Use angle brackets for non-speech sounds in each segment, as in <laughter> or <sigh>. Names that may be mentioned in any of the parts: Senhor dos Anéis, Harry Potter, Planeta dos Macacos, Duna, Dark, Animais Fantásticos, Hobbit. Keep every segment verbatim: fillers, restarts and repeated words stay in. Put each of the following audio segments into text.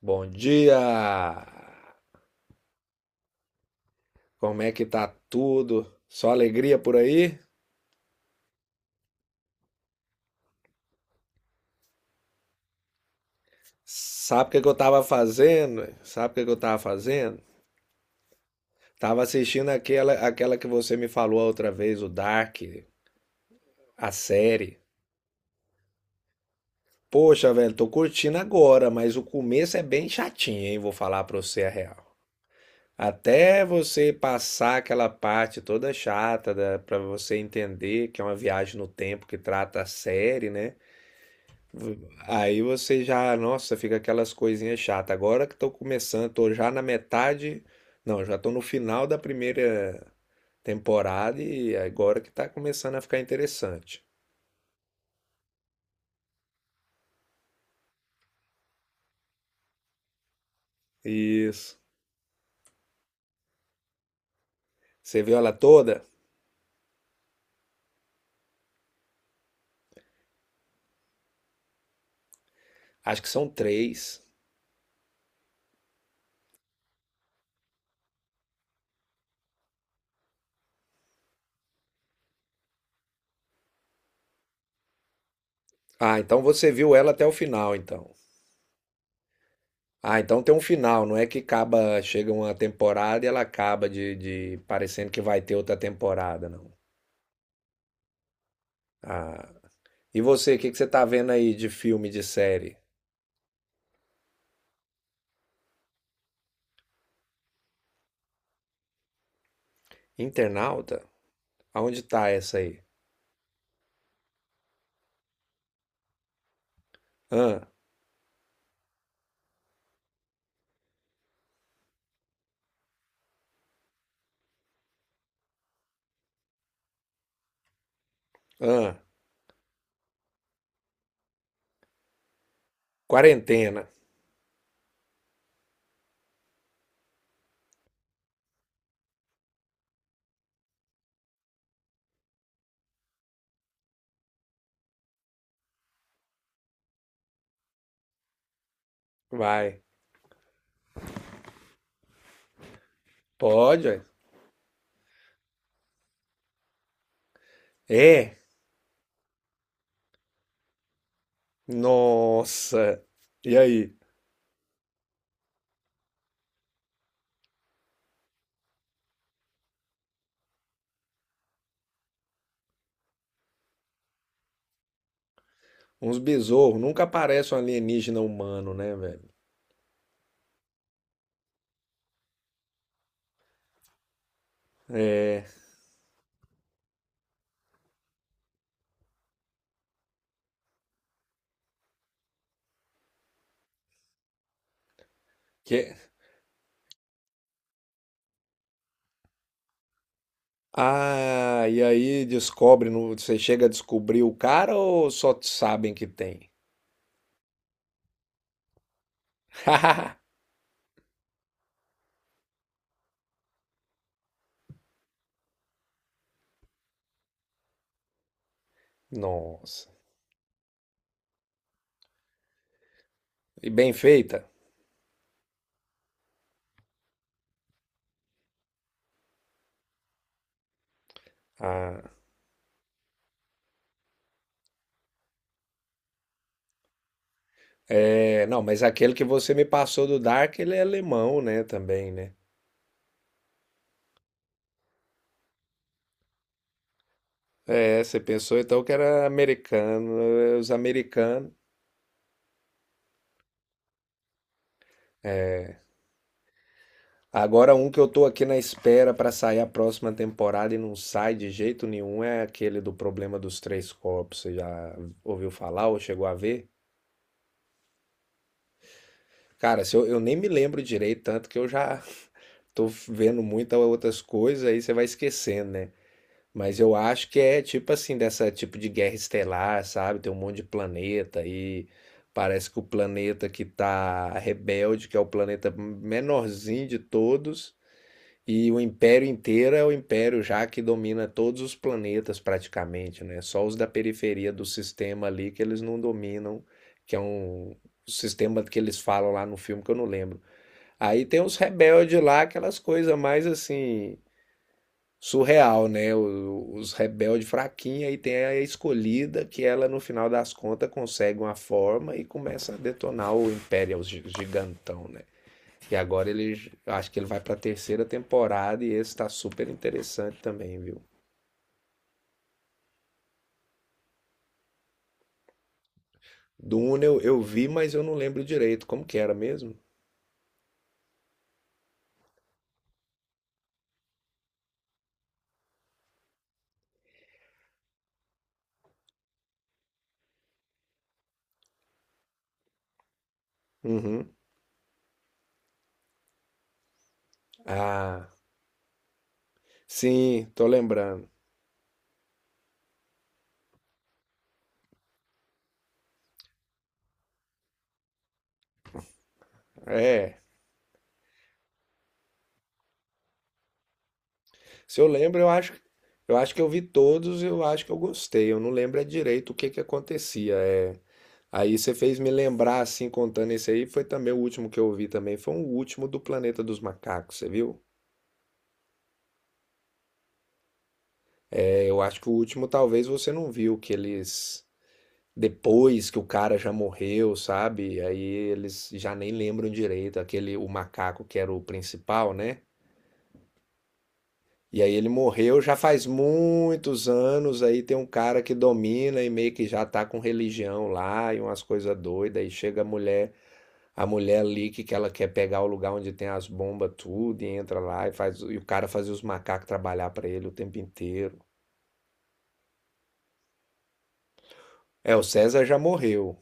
Bom dia! Como é que tá tudo? Só alegria por aí? Sabe o que que eu tava fazendo? Sabe o que que eu tava fazendo? Tava assistindo aquela, aquela que você me falou a outra vez, o Dark, a série. Poxa, velho, tô curtindo agora, mas o começo é bem chatinho, hein? Vou falar pra você a real. Até você passar aquela parte toda chata, da, pra você entender que é uma viagem no tempo que trata a série, né? Aí você já, nossa, fica aquelas coisinhas chatas. Agora que estou começando, tô já na metade, não, já tô no final da primeira temporada e agora que tá começando a ficar interessante. Isso. Você viu ela toda? Acho que são três. Ah, então você viu ela até o final, então. Ah, então tem um final, não é que acaba, chega uma temporada e ela acaba de, de parecendo que vai ter outra temporada, não. Ah. E você, o que que você tá vendo aí de filme, de série? Internauta? Aonde tá essa aí? Ah, ah, quarentena. Vai. Pode, ué. É? Nossa. E aí? Uns besouros. Nunca aparece um alienígena humano, né, velho? É. Que... Ah, e aí descobre, no... você chega a descobrir o cara ou só sabem que tem? <laughs> Nossa. E bem feita? Ah, é, não, mas aquele que você me passou do Dark, ele é alemão, né, também, né? É, você pensou então que era americano, é, os americanos. Agora, um que eu tô aqui na espera pra sair a próxima temporada e não sai de jeito nenhum é aquele do problema dos três corpos. Você já ouviu falar ou chegou a ver? Cara, se eu, eu nem me lembro direito, tanto que eu já <laughs> tô vendo muitas outras coisas, aí você vai esquecendo, né? Mas eu acho que é tipo assim, dessa tipo de guerra estelar, sabe? Tem um monte de planeta e parece que o planeta que tá rebelde, que é o planeta menorzinho de todos, e o império inteiro é o império já que domina todos os planetas praticamente, né? Só os da periferia do sistema ali que eles não dominam, que é um sistema que eles falam lá no filme que eu não lembro. Aí tem os rebeldes lá, aquelas coisas mais assim surreal, né? O- Os rebeldes fraquinha e tem a escolhida que ela no final das contas consegue uma forma e começa a detonar o Império, os gi- gigantão, né? E agora ele, j- acho que ele vai pra terceira temporada e esse tá super interessante também, viu? Duna eu, eu vi, mas eu não lembro direito como que era mesmo. Uhum. Ah, sim, tô lembrando. É, se eu lembro, eu acho, eu acho que eu vi todos, eu acho que eu gostei. Eu não lembro é direito o que que acontecia. É, aí você fez me lembrar, assim, contando esse aí, foi também o último que eu vi também, foi o último do Planeta dos Macacos, você viu? É, eu acho que o último talvez você não viu, que eles, depois que o cara já morreu, sabe? Aí eles já nem lembram direito, aquele, o macaco que era o principal, né? E aí ele morreu já faz muitos anos, aí tem um cara que domina e meio que já tá com religião lá e umas coisas doidas, aí chega a mulher. A mulher ali que, que ela quer pegar o lugar onde tem as bombas, tudo, e entra lá e faz. E o cara fazia os macacos trabalhar pra ele o tempo inteiro. É, o César já morreu.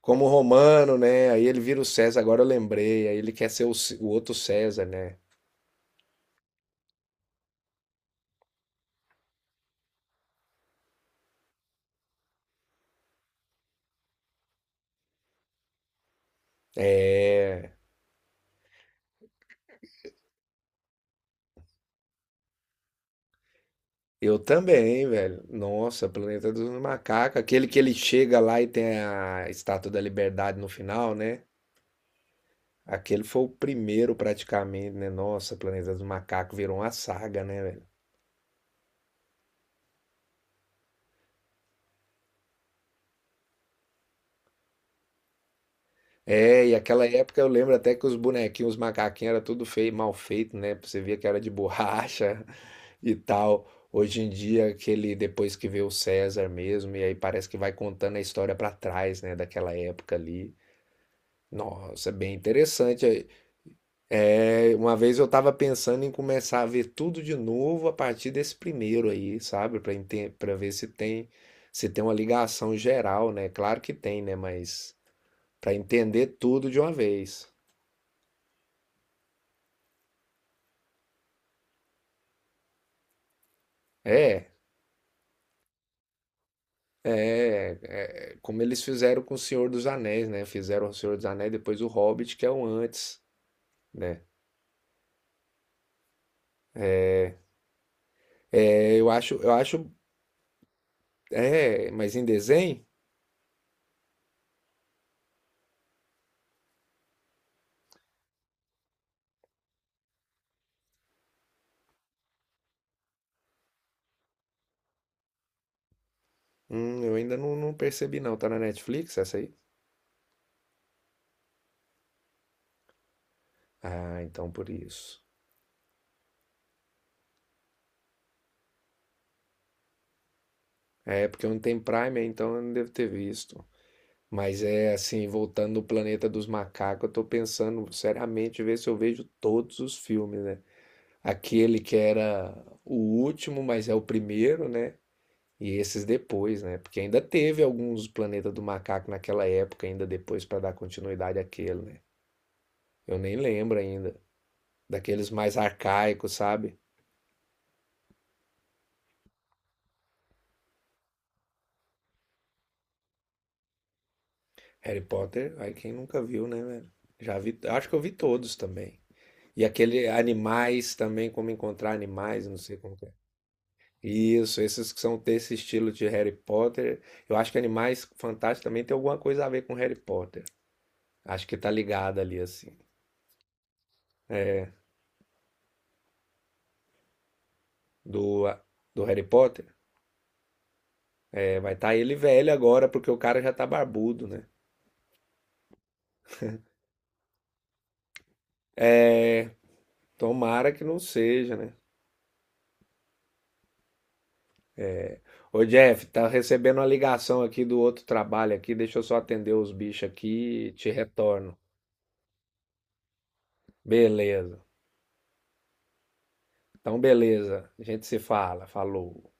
Como romano, né? Aí ele vira o César, agora eu lembrei. Aí ele quer ser o, C- o outro César, né? É. Eu também, velho. Nossa, Planeta dos Macacos. Aquele que ele chega lá e tem a Estátua da Liberdade no final, né? Aquele foi o primeiro praticamente, né? Nossa, Planeta dos Macacos virou uma saga, né, velho? É, e aquela época eu lembro até que os bonequinhos, os macaquinhos era tudo feio, mal feito, né? Você via que era de borracha <laughs> e tal. Hoje em dia, aquele depois que vê o César mesmo, e aí parece que vai contando a história pra trás, né, daquela época ali. Nossa, bem interessante. É, uma vez eu tava pensando em começar a ver tudo de novo a partir desse primeiro aí, sabe? Pra enten- pra ver se tem se tem uma ligação geral, né? Claro que tem, né? Mas pra entender tudo de uma vez. É, é, é, como eles fizeram com o Senhor dos Anéis, né? Fizeram o Senhor dos Anéis, depois o Hobbit, que é o antes, né? É, eu acho, eu acho, é, mas em desenho, hum, eu ainda não, não percebi não. Tá na Netflix essa aí? Ah, então por isso. É, porque eu não tenho Prime, então eu não devo ter visto. Mas é assim, voltando no Planeta dos Macacos, eu tô pensando seriamente ver se eu vejo todos os filmes, né? Aquele que era o último, mas é o primeiro, né? E esses depois, né? Porque ainda teve alguns Planeta do Macaco naquela época, ainda depois para dar continuidade àquele, né? Eu nem lembro ainda. Daqueles mais arcaicos, sabe? Harry Potter, aí quem nunca viu, né, velho? Já vi, acho que eu vi todos também. E aquele animais também, como encontrar animais, não sei como que é. Isso, esses que são desse estilo de Harry Potter. Eu acho que Animais Fantásticos também tem alguma coisa a ver com Harry Potter. Acho que tá ligado ali, assim. Do, do Harry Potter. É, vai estar tá ele velho agora, porque o cara já tá barbudo, né? É, tomara que não seja, né? Ô Jeff, tá recebendo uma ligação aqui do outro trabalho aqui, deixa eu só atender os bichos aqui e te retorno. Beleza. Então, beleza. A gente se fala. Falou.